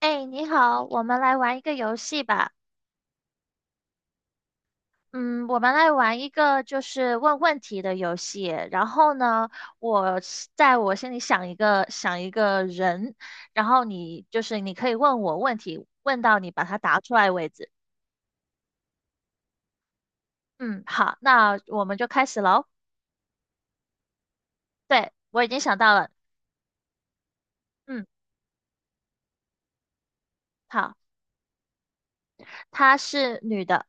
哎，你好，我们来玩一个游戏吧。嗯，我们来玩一个就是问问题的游戏。然后呢，我是在我心里想一个人，然后你就是你可以问我问题，问到你把它答出来为止。嗯，好，那我们就开始喽。对，我已经想到了。嗯，好，她是女的，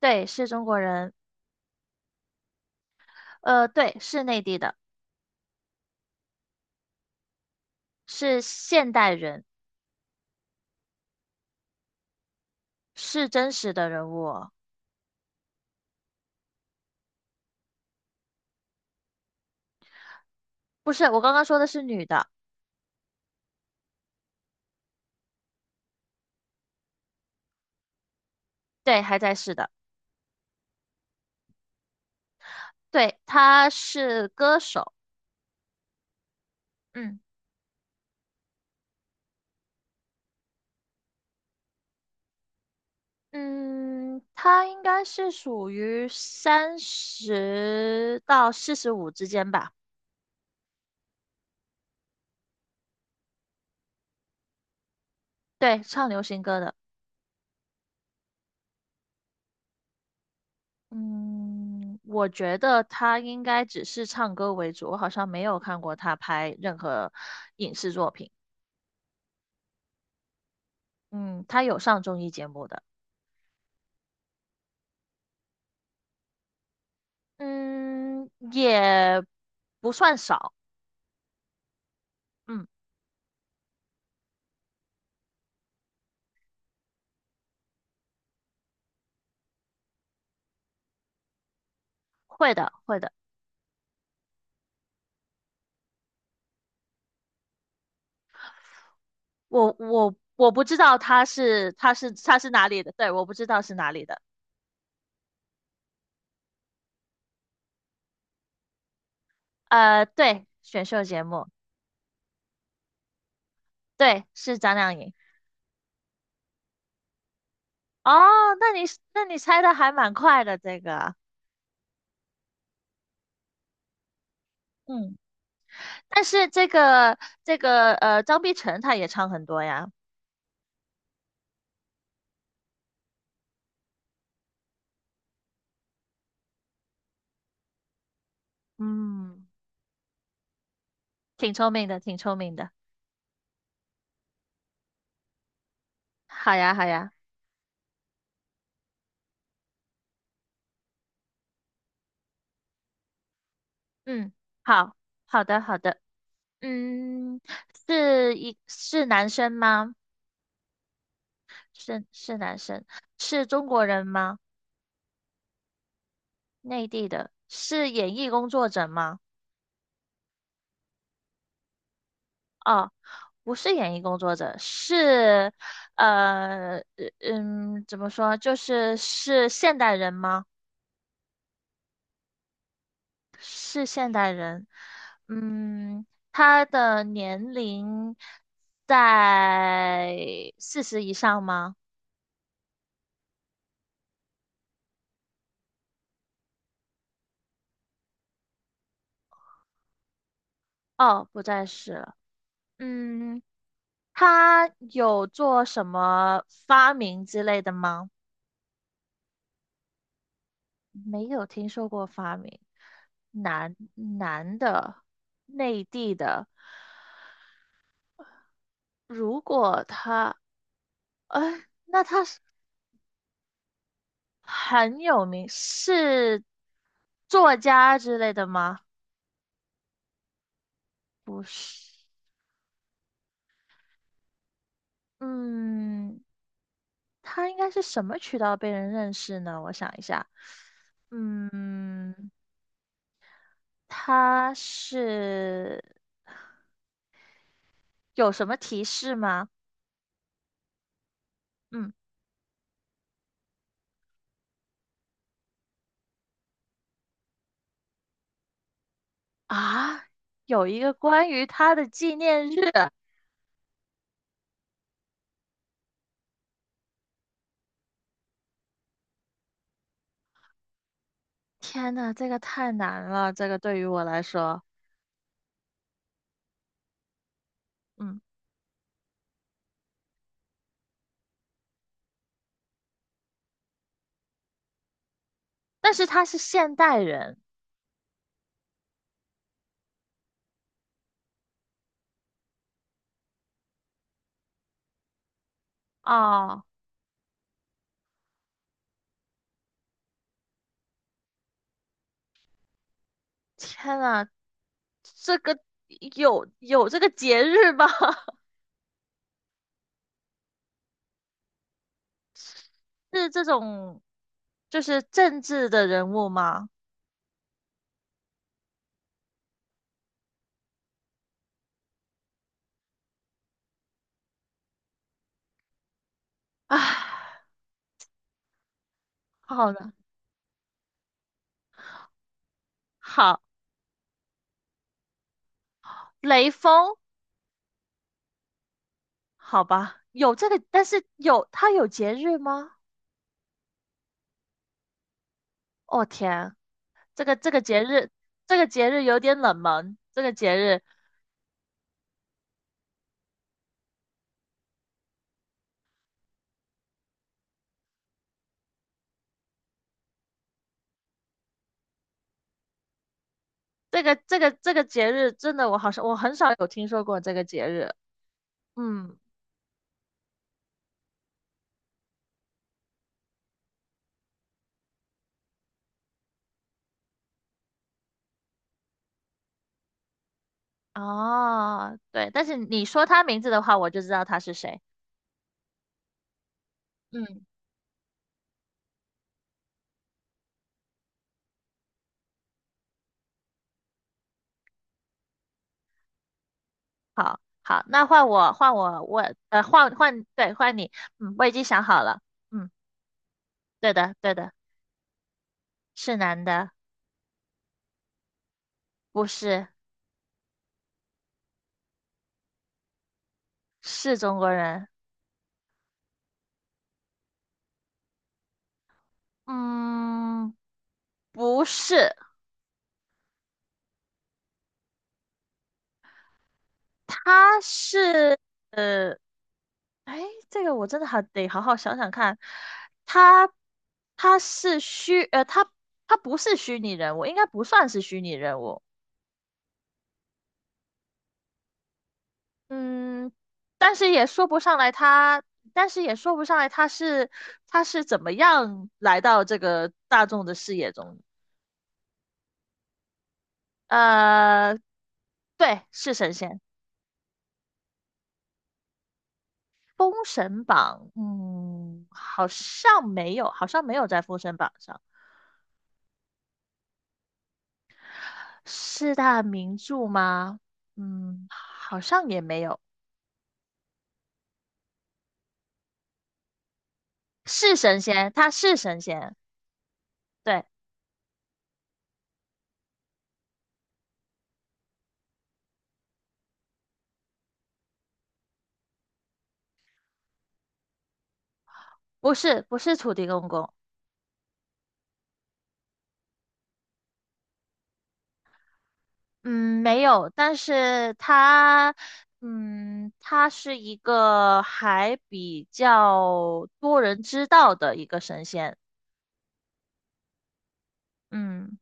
对，是中国人，对，是内地的，是现代人，是真实的人物哦不是，我刚刚说的是女的。对，还在世的，对，他是歌手，嗯嗯，他应该是属于30到45之间吧，对，唱流行歌的，嗯，我觉得他应该只是唱歌为主，我好像没有看过他拍任何影视作品，嗯，他有上综艺节目的，嗯，也不算少，嗯，会的，会的。我不知道他是哪里的，对，我不知道是哪里的。对，选秀节目，对，是张靓颖。哦，那你那你猜的还蛮快的这个啊，嗯，但是这个张碧晨她也唱很多呀，嗯，挺聪明的，挺聪明的。好呀，好呀，嗯，好，好的，好的，嗯，是男生吗？是男生，是中国人吗？内地的，是演艺工作者吗？哦，不是演艺工作者，是，呃，呃嗯，怎么说？就是是现代人吗？是现代人。嗯，他的年龄在40以上吗？哦，不再是了。嗯，他有做什么发明之类的吗？没有听说过发明，男男的，内地的，如果他，哎，那他是很有名，是作家之类的吗？不是，嗯，他应该是什么渠道被人认识呢？我想一下，嗯，他是有什么提示吗？嗯啊，有一个关于他的纪念日。天呐，这个太难了，这个对于我来说，嗯，但是他是现代人哦，天呐，这个有这个节日吗？是这种就是政治的人物吗？唉，好的，好，雷锋，好吧，有这个，但是有他有节日吗？哦天，这个节日，这个节日有点冷门，这个节日。这个节日真的，我好像我很少有听说过这个节日。嗯，哦，对，但是你说他名字的话，我就知道他是谁。嗯，好，好，那换我，换我，我，换换，对，换你。嗯，我已经想好了。嗯，对的，对的，是男的，不是，是中国人。嗯，不是，他是，呃。哎，这个我真的还得好好想想看。他他是虚，他他不是虚拟人物，应该不算是虚拟人物。嗯，但是也说不上来他，但是也说不上来他是他是怎么样来到这个大众的视野中。呃，对，是神仙。封神榜，嗯，好像没有，好像没有在封神榜上。四大名著吗？嗯，好像也没有。是神仙，他是神仙，对，不是土地公公，嗯，没有。但是他，嗯，他是一个还比较多人知道的一个神仙。嗯，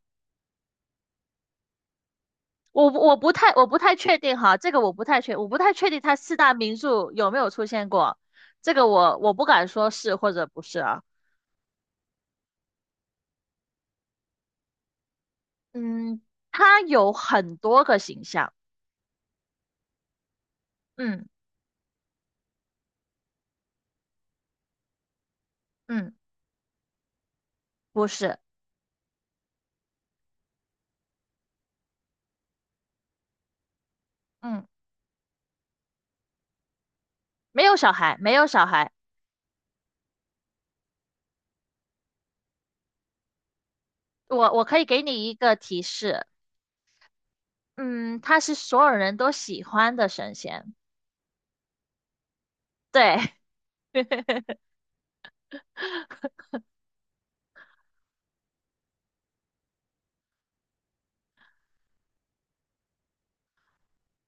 我不太确定哈，这个我不太确定他四大名著有没有出现过，这个我不敢说是或者不是啊。嗯，他有很多个形象，嗯嗯不是，嗯，没有小孩，没有小孩。我可以给你一个提示，嗯，他是所有人都喜欢的神仙。对，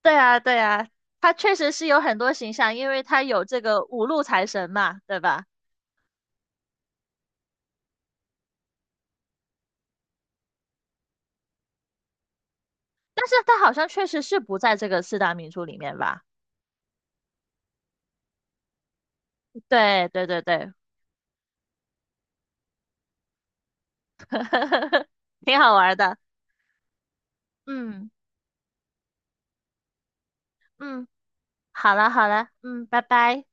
对啊，对啊，他确实是有很多形象，因为他有这个5路财神嘛，对吧？但是他好像确实是不在这个四大名著里面吧？对对对对，挺好玩的。嗯嗯，好了好了，嗯，拜拜。